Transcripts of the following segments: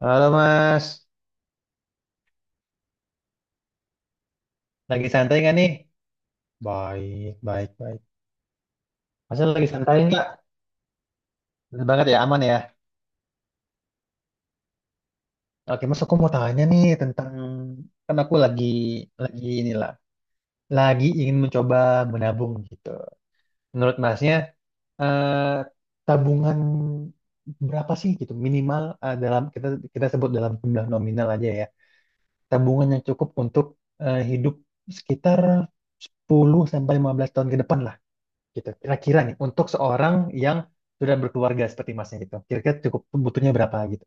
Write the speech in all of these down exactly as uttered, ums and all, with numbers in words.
Halo Mas, lagi santai nggak nih? Baik, baik, baik. Masnya lagi santai nggak? Bener banget ya, aman ya. Oke Mas, aku mau tanya nih tentang, kan aku lagi lagi inilah, lagi ingin mencoba menabung gitu. Menurut Masnya, eh, tabungan berapa sih gitu minimal, eh, dalam kita kita sebut dalam jumlah nominal aja ya. Tabungan yang cukup untuk eh, hidup sekitar sepuluh sampai lima belas tahun ke depan lah. gitu. Kira-kira nih, untuk seorang yang sudah berkeluarga seperti masnya gitu, kira-kira cukup butuhnya berapa gitu?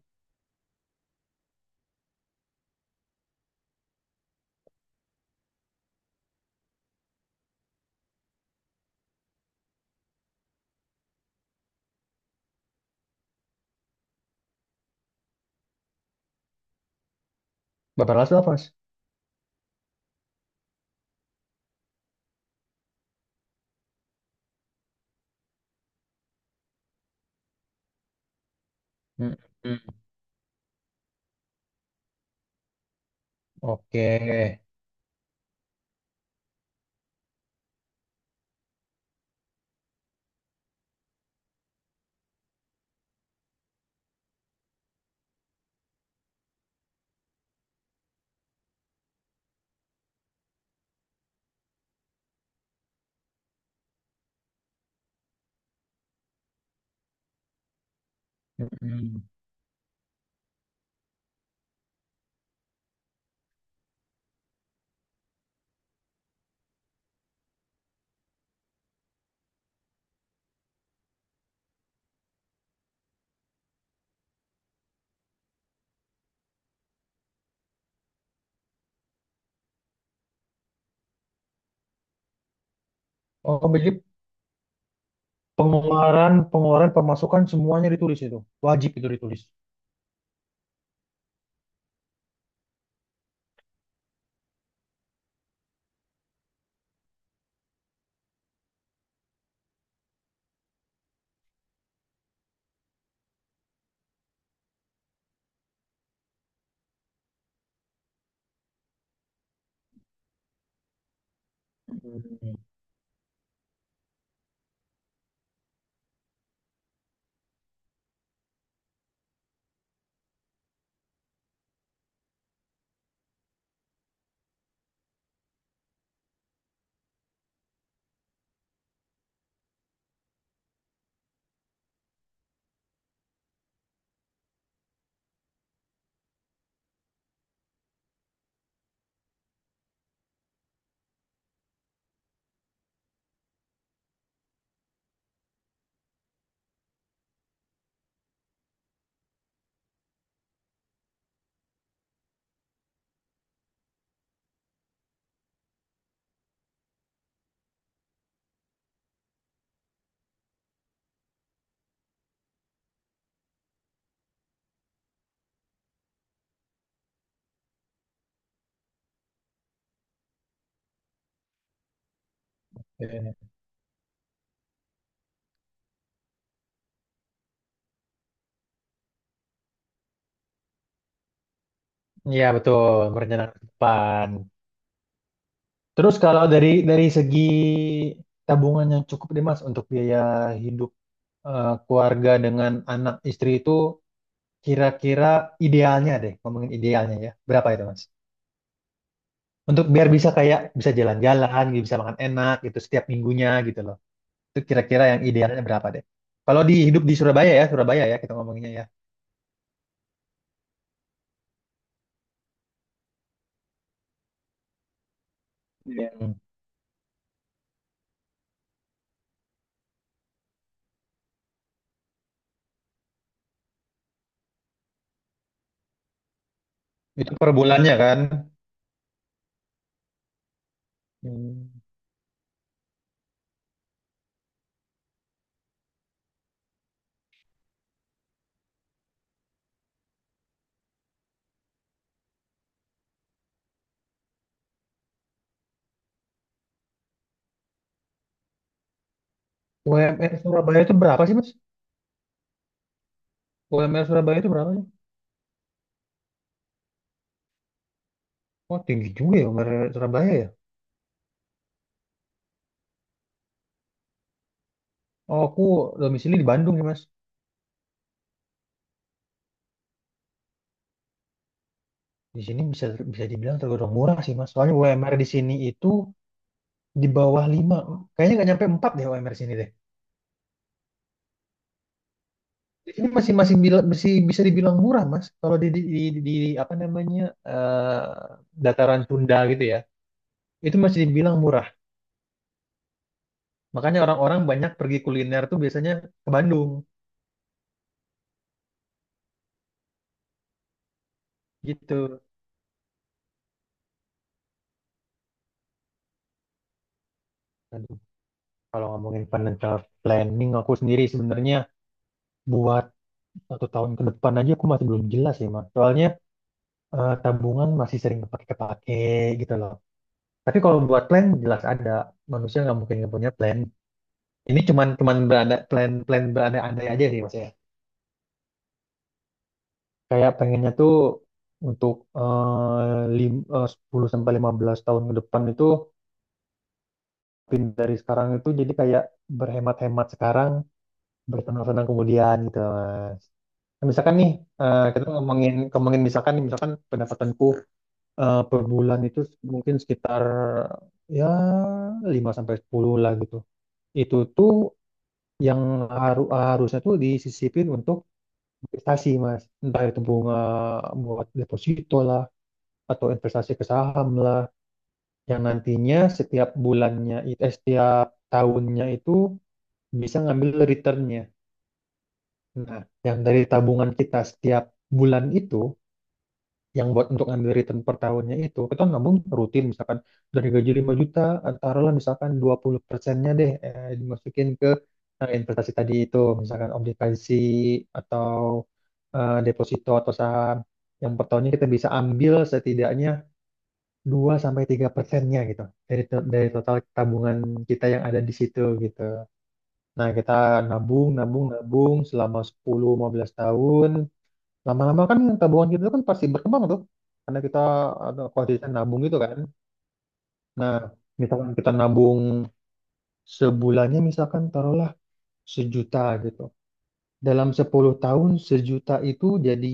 Bapak Rasul apa, Mas? Mm-mm. Oke. Mm-mm. Oh, jadi pengeluaran, pengeluaran, pemasukan semuanya ditulis itu. Wajib itu ditulis. Mm. Iya, Iya, betul, merencanakan ke depan. Terus kalau dari dari segi tabungan yang cukup deh Mas untuk biaya hidup, eh, keluarga dengan anak istri itu, kira-kira idealnya deh, ngomongin idealnya ya. Berapa itu, Mas? Untuk biar bisa kayak bisa jalan-jalan, gitu, bisa makan enak gitu setiap minggunya gitu loh. Itu kira-kira yang idealnya berapa deh? Kalau di hidup di Surabaya ya, Surabaya ya kita ngomonginnya ya. Iya. Hmm. Itu per bulannya kan. Hmm. U M R Surabaya itu berapa sih, Mas? U M R Surabaya itu berapa sih? Oh, tinggi juga ya U M R Surabaya ya. Oh, aku domisili di Bandung ya, Mas. Di sini bisa bisa dibilang tergolong murah sih, Mas. Soalnya U M R di sini itu di bawah lima, kayaknya nggak nyampe empat deh U M R sini deh. Ini masih masih bila- masih bisa dibilang murah, Mas. Kalau di, di, di- di- apa namanya? eh, Dataran Sunda gitu ya. Itu masih dibilang murah. Makanya orang-orang banyak pergi kuliner tuh biasanya ke Bandung gitu. Aduh, kalau ngomongin financial planning aku sendiri sebenarnya buat satu tahun ke depan aja aku masih belum jelas ya, Mas. Soalnya eh, tabungan masih sering kepake-kepake gitu loh. Tapi kalau buat plan jelas ada. Manusia nggak mungkin nggak punya plan. Ini cuman cuman beranda plan plan berandai-andai aja sih mas ya. Kayak pengennya tuh untuk eh, lim- eh, sepuluh sampai lima belas tahun ke depan itu pin- dari sekarang itu jadi kayak berhemat-hemat sekarang, bersenang-senang kemudian gitu mas. Nah, misalkan nih, eh, kita ngomongin ngomongin misalkan nih, misalkan pendapatanku eh, per bulan itu mungkin sekitar ya lima sampai sepuluh lah gitu. Itu tuh yang haru- harusnya tuh disisipin untuk investasi mas, entah itu bunga buat deposito lah atau investasi ke saham lah, yang nantinya setiap bulannya, it- eh, setiap tahunnya itu bisa ngambil returnnya. Nah, yang dari tabungan kita setiap bulan itu yang buat untuk ngambil return per tahunnya itu kita nabung rutin, misalkan dari gaji lima juta, taruhlah misalkan dua puluh persennya deh, eh, dimasukin ke eh, investasi tadi itu, misalkan obligasi atau eh, deposito atau saham, yang per tahunnya kita bisa ambil setidaknya dua sampai tiga persennya gitu, dari to- dari total tabungan kita yang ada di situ gitu. Nah, kita nabung, nabung, nabung selama sepuluh lima belas tahun. Lama-lama kan tabungan kita kan pasti berkembang tuh. Karena kita ada konsisten nabung gitu kan. Nah, misalkan kita nabung sebulannya, misalkan taruhlah sejuta gitu. Dalam sepuluh tahun sejuta itu jadi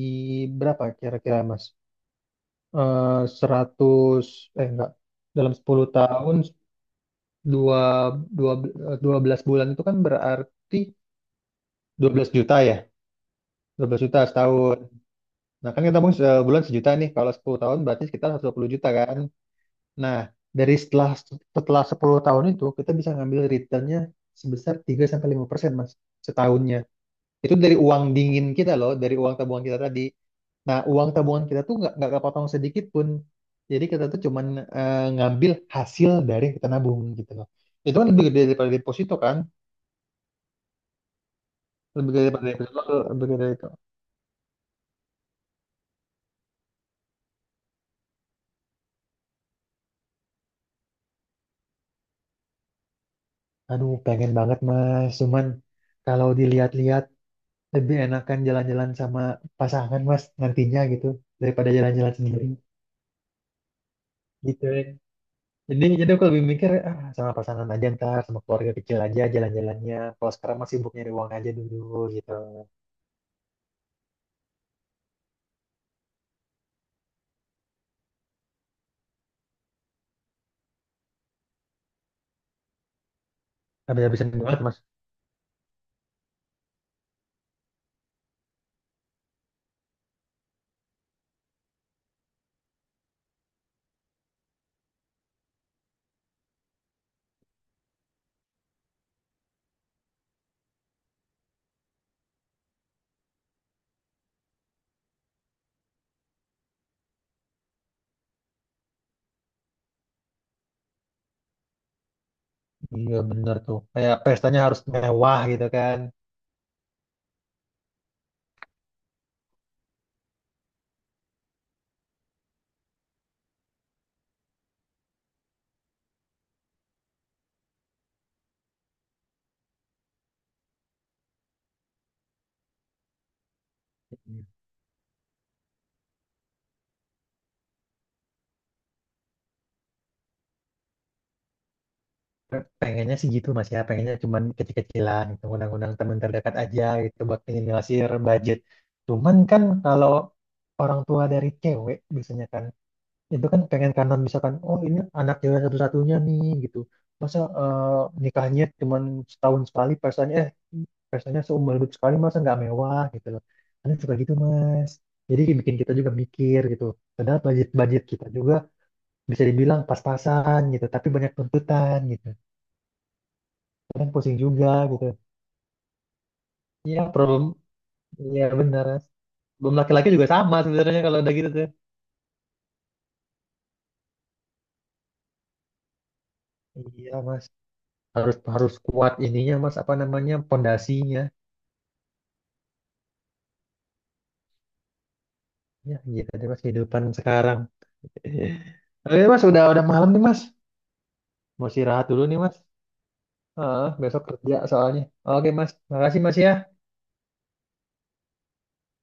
berapa kira-kira Mas? Eh, seratus, eh, enggak. Dalam sepuluh tahun, dua dua dua belas bulan itu kan berarti dua belas juta ya. Dua belas juta setahun. Nah, kan kita nabung sebulan sejuta nih. Kalau sepuluh tahun berarti sekitar seratus dua puluh juta kan. Nah, dari setelah setelah sepuluh tahun itu kita bisa ngambil returnnya sebesar tiga sampai lima persen Mas setahunnya. Itu dari uang dingin kita loh, dari uang tabungan kita tadi. Nah, uang tabungan kita tuh nggak nggak kepotong sedikit pun. Jadi kita tuh cuman eh, ngambil hasil dari kita nabung gitu loh. Itu kan lebih gede daripada deposito kan? Lebih gede daripada deposito, lebih gede dari itu. Aduh, pengen banget Mas. Cuman kalau dilihat-lihat lebih enakan jalan-jalan sama pasangan Mas nantinya gitu daripada jalan-jalan sendiri. gitu ya. Jadi, jadi aku lebih mikir ah, sama pasangan aja ntar, sama keluarga kecil aja jalan-jalannya. Kalau sekarang masih sibuk nyari uang aja dulu gitu. Habis-habisan banget mas. Iya bener tuh. Kayak pestanya harus mewah gitu kan. Pe- Pengennya sih gitu mas ya. Pengennya cuman kecil-kecilan gitu. Undang-undang teman terdekat aja gitu buat minimalisir budget. Cuman kan kalau orang tua dari cewek biasanya kan itu kan pengen kanan, misalkan oh, ini anak cewek satu-satunya nih gitu, masa eh, nikahnya cuman setahun sekali, pestanya eh pestanya seumur hidup sekali, masa nggak mewah gitu loh, ada suka gitu mas, jadi bikin kita juga mikir gitu. Padahal budget budget kita juga bisa dibilang pas-pasan gitu, tapi banyak tuntutan gitu, kadang pusing juga gitu, ya problem, ya benar mas, belum laki-laki juga sama sebenarnya kalau udah gitu tuh. Iya mas, harus harus kuat ininya mas, apa namanya, pondasinya. Ya, gitu deh mas kehidupan sekarang. Oke mas, udah udah malam nih mas. Mau istirahat dulu nih mas. Heeh, besok kerja soalnya. Oke mas, makasih mas ya.